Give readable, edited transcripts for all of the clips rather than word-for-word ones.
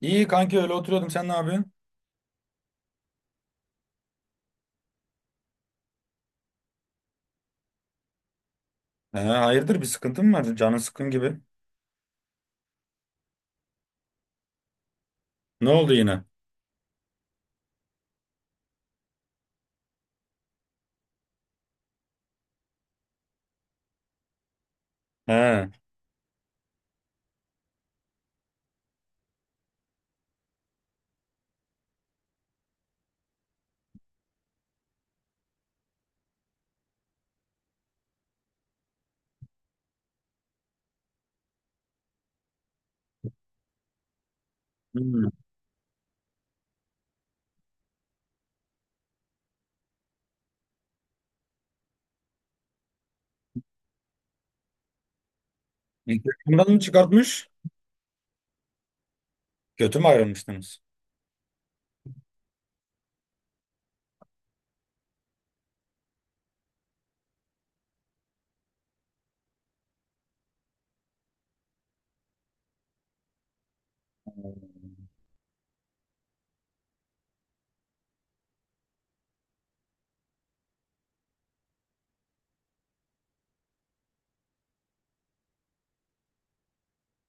İyi kanki öyle oturuyordum. Sen ne yapıyorsun? He, hayırdır, bir sıkıntın mı var? Canın sıkkın gibi. Ne oldu yine? He. Hmm. İlk mı çıkartmış? Kötü mü ayrılmıştınız?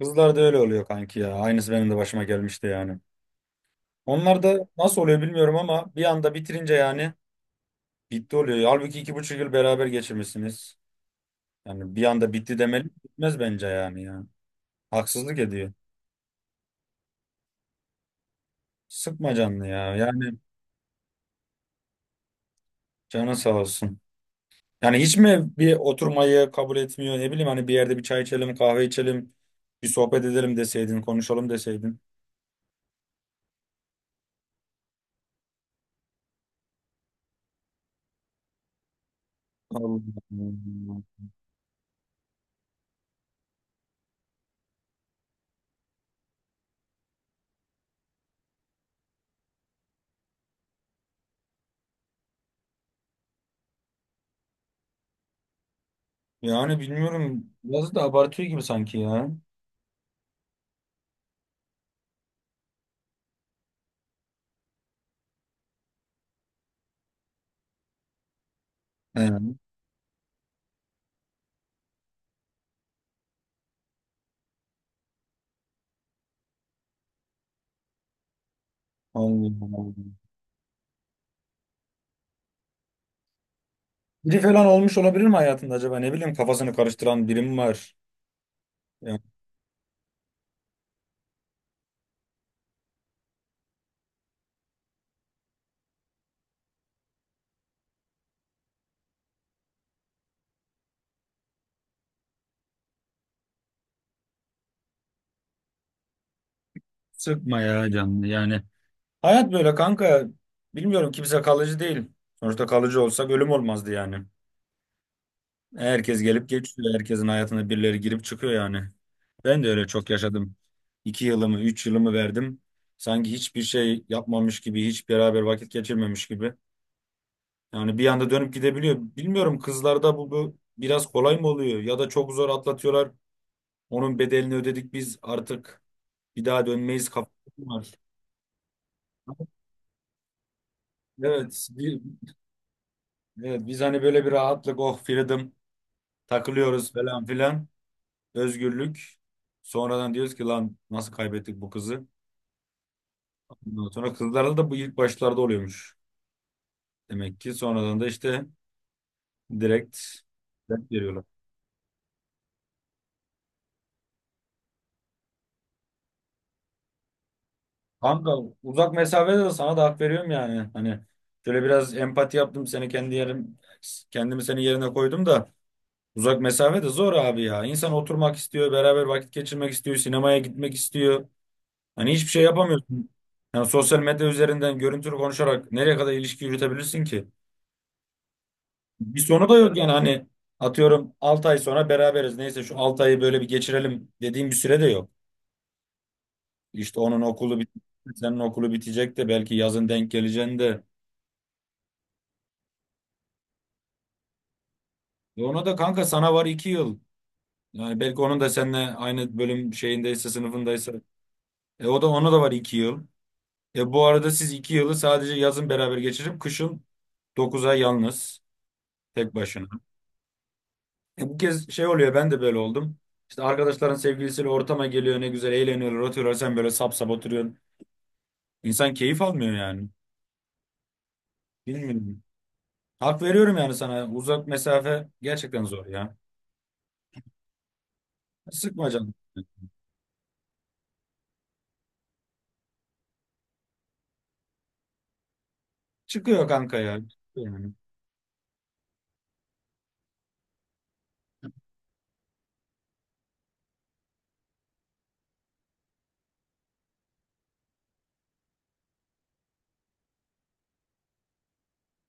Kızlar da öyle oluyor kanki ya. Aynısı benim de başıma gelmişti yani. Onlar da nasıl oluyor bilmiyorum ama bir anda bitirince yani bitti oluyor. Halbuki 2,5 yıl beraber geçirmişsiniz. Yani bir anda bitti demeli bitmez bence yani ya. Haksızlık ediyor. Sıkma canını ya. Yani canın sağ olsun. Yani hiç mi bir oturmayı kabul etmiyor? Ne bileyim hani bir yerde bir çay içelim, kahve içelim, bir sohbet edelim deseydin, konuşalım deseydin. Allah Allah. Yani bilmiyorum. Biraz da abartıyor gibi sanki ya. He. Allah Allah. Biri falan olmuş olabilir mi hayatında acaba? Ne bileyim kafasını karıştıran biri mi var? Yani sıkma ya canını yani, hayat böyle kanka. Bilmiyorum, kimse kalıcı değil. Sonuçta kalıcı olsa ölüm olmazdı yani. Herkes gelip geçiyor. Herkesin hayatına birileri girip çıkıyor yani. Ben de öyle çok yaşadım. 2 yılımı, 3 yılımı verdim. Sanki hiçbir şey yapmamış gibi, hiç beraber vakit geçirmemiş gibi. Yani bir anda dönüp gidebiliyor. Bilmiyorum kızlarda bu, bu biraz kolay mı oluyor ya da çok zor atlatıyorlar. Onun bedelini ödedik biz artık, bir daha dönmeyiz kafası mı var. Evet, evet, biz hani böyle bir rahatlık, oh freedom takılıyoruz falan filan. Özgürlük. Sonradan diyoruz ki lan nasıl kaybettik bu kızı? Ondan sonra kızlarda da bu ilk başlarda oluyormuş. Demek ki sonradan da işte direkt, direkt veriyorlar. Kanka, uzak mesafede de sana da hak veriyorum yani. Hani şöyle biraz empati yaptım, seni kendi yerim, kendimi senin yerine koydum da uzak mesafede zor abi ya. İnsan oturmak istiyor, beraber vakit geçirmek istiyor, sinemaya gitmek istiyor. Hani hiçbir şey yapamıyorsun. Yani sosyal medya üzerinden görüntülü konuşarak nereye kadar ilişki yürütebilirsin ki? Bir sonu da yok yani, hani atıyorum 6 ay sonra beraberiz. Neyse şu 6 ayı böyle bir geçirelim dediğim bir süre de yok. İşte onun okulu bitecek, senin okulu bitecek de belki yazın denk geleceğin de. E ona da kanka sana var 2 yıl. Yani belki onun da seninle aynı bölüm şeyindeyse, sınıfındaysa. E o da, ona da var 2 yıl. E bu arada siz 2 yılı sadece yazın beraber geçirip kışın 9 ay yalnız, tek başına. E bu kez şey oluyor, ben de böyle oldum. İşte arkadaşların sevgilisiyle ortama geliyor, ne güzel eğleniyorlar, oturuyorlar, sen böyle sap sap oturuyorsun. İnsan keyif almıyor yani. Bilmiyorum. Hak veriyorum yani sana. Uzak mesafe gerçekten zor ya. Sıkma canım. Çıkıyor kanka ya. Yani.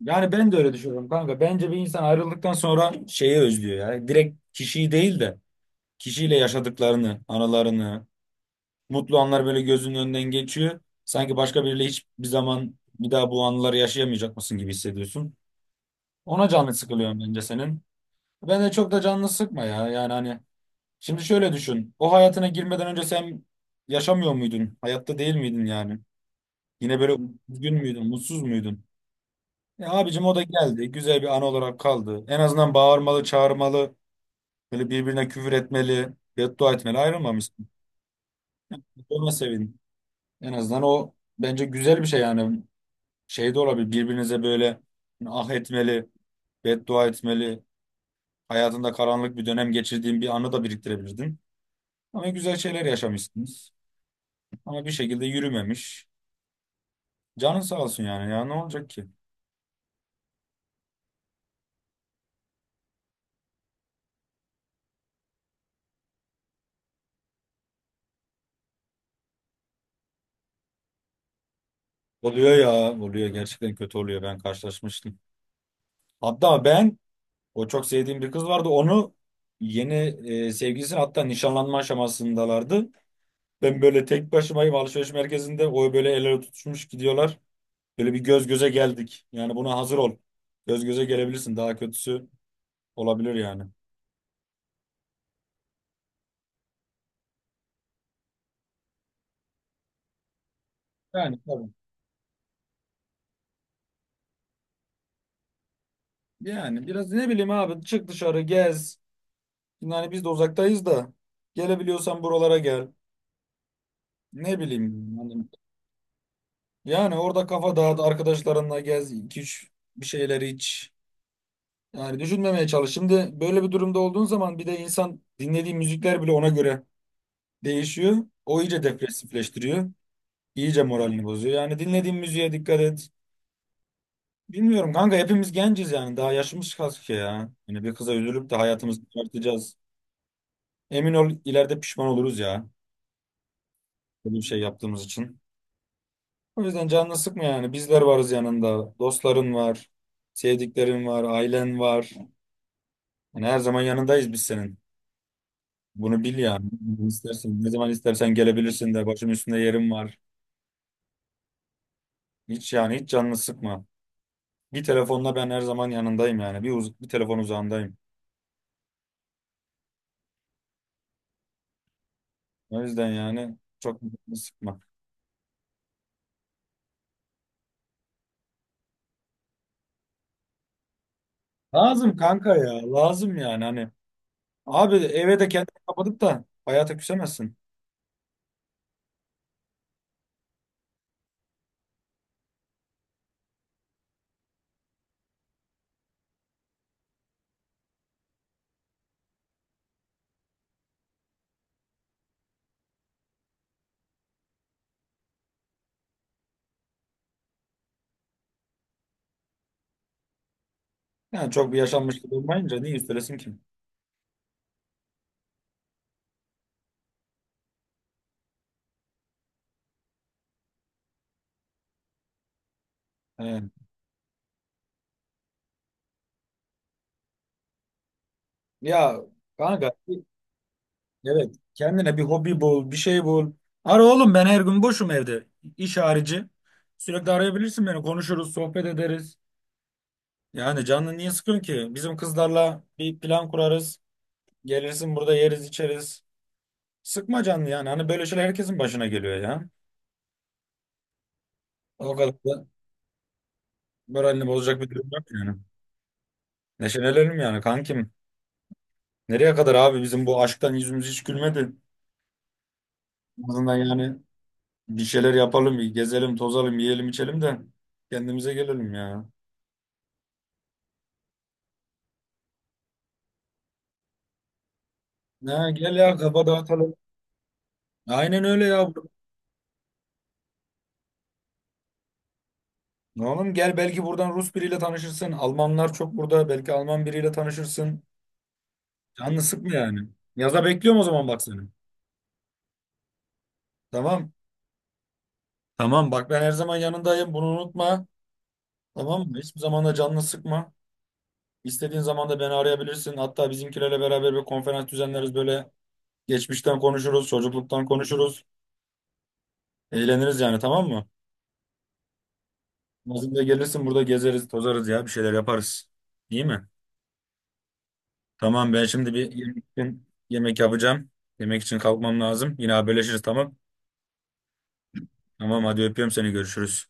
Yani ben de öyle düşünüyorum kanka. Bence bir insan ayrıldıktan sonra şeyi özlüyor ya. Direkt kişiyi değil de kişiyle yaşadıklarını, anılarını, mutlu anlar böyle gözünün önünden geçiyor. Sanki başka biriyle hiçbir zaman bir daha bu anıları yaşayamayacak mısın gibi hissediyorsun. Ona canı sıkılıyor bence senin. Ben de çok da canını sıkma ya. Yani hani şimdi şöyle düşün. O hayatına girmeden önce sen yaşamıyor muydun? Hayatta değil miydin yani? Yine böyle üzgün müydün, mutsuz muydun? E abicim, o da geldi. Güzel bir an olarak kaldı. En azından bağırmalı, çağırmalı, böyle birbirine küfür etmeli, beddua etmeli ayrılmamışsın. Ona sevin. En azından o bence güzel bir şey yani. Şey de olabilir. Birbirinize böyle ah etmeli, beddua etmeli. Hayatında karanlık bir dönem geçirdiğin bir anı da biriktirebilirdin. Ama güzel şeyler yaşamışsınız. Ama bir şekilde yürümemiş. Canın sağ olsun yani ya, ne olacak ki? Oluyor ya, oluyor, gerçekten kötü oluyor, ben karşılaşmıştım. Hatta ben, o çok sevdiğim bir kız vardı, onu yeni, sevgilisi, hatta nişanlanma aşamasındalardı. Ben böyle tek başımayım alışveriş merkezinde, o böyle el ele tutuşmuş gidiyorlar. Böyle bir göz göze geldik, yani buna hazır ol. Göz göze gelebilirsin, daha kötüsü olabilir yani. Yani tabii. Yani biraz ne bileyim abi, çık dışarı, gez. Yani biz de uzaktayız da gelebiliyorsan buralara gel. Ne bileyim yani, yani orada kafa dağıt, arkadaşlarınla gez, 2-3 bir şeyler iç. Yani düşünmemeye çalış. Şimdi böyle bir durumda olduğun zaman bir de insan dinlediği müzikler bile ona göre değişiyor. O iyice depresifleştiriyor. İyice moralini bozuyor. Yani dinlediğin müziğe dikkat et. Bilmiyorum kanka, hepimiz genciz yani. Daha yaşımız kaç ki ya. Yani bir kıza üzülüp de hayatımızı çıkartacağız. Emin ol, ileride pişman oluruz ya. Böyle bir şey yaptığımız için. O yüzden canını sıkma yani. Bizler varız yanında. Dostların var. Sevdiklerin var. Ailen var. Yani her zaman yanındayız biz senin. Bunu bil yani. İstersen, ne zaman istersen gelebilirsin de, başım üstünde yerim var. Hiç yani, hiç canını sıkma. Bir telefonla ben her zaman yanındayım yani. Bir telefon uzağındayım. O yüzden yani çok canını sıkma. Lazım kanka ya. Lazım yani hani. Abi, eve de kendini kapatıp da hayata küsemezsin. Yani çok bir yaşanmışlık olmayınca niye üstelesin ki? He. Ya kanka, evet. Kendine bir hobi bul, bir şey bul. Ara oğlum, ben her gün boşum evde. İş harici. Sürekli arayabilirsin beni. Konuşuruz, sohbet ederiz. Yani canını niye sıkıyorsun ki? Bizim kızlarla bir plan kurarız. Gelirsin, burada yeriz, içeriz. Sıkma canını yani. Hani böyle şeyler herkesin başına geliyor ya. O kadar da moralini bozacak bir durum yok yani. Neşelenelim yani kankim. Nereye kadar abi, bizim bu aşktan yüzümüz hiç gülmedi. En azından yani bir şeyler yapalım, bir gezelim, tozalım, yiyelim, içelim de kendimize gelelim ya. Ha, gel ya, kafa dağıtalım. Aynen öyle ya. Oğlum gel, belki buradan Rus biriyle tanışırsın. Almanlar çok burada. Belki Alman biriyle tanışırsın. Canını sıkma yani. Yaza bekliyorum o zaman bak seni. Tamam. Tamam, bak ben her zaman yanındayım. Bunu unutma. Tamam mı? Hiçbir zaman da canını sıkma. İstediğin zaman da beni arayabilirsin. Hatta bizimkilerle beraber bir konferans düzenleriz böyle. Geçmişten konuşuruz, çocukluktan konuşuruz. Eğleniriz yani, tamam mı? Bizim de gelirsin, burada gezeriz, tozarız ya, bir şeyler yaparız. İyi mi? Tamam, ben şimdi bir yemek için yemek yapacağım. Yemek için kalkmam lazım. Yine haberleşiriz, tamam. Tamam hadi, öpüyorum seni, görüşürüz.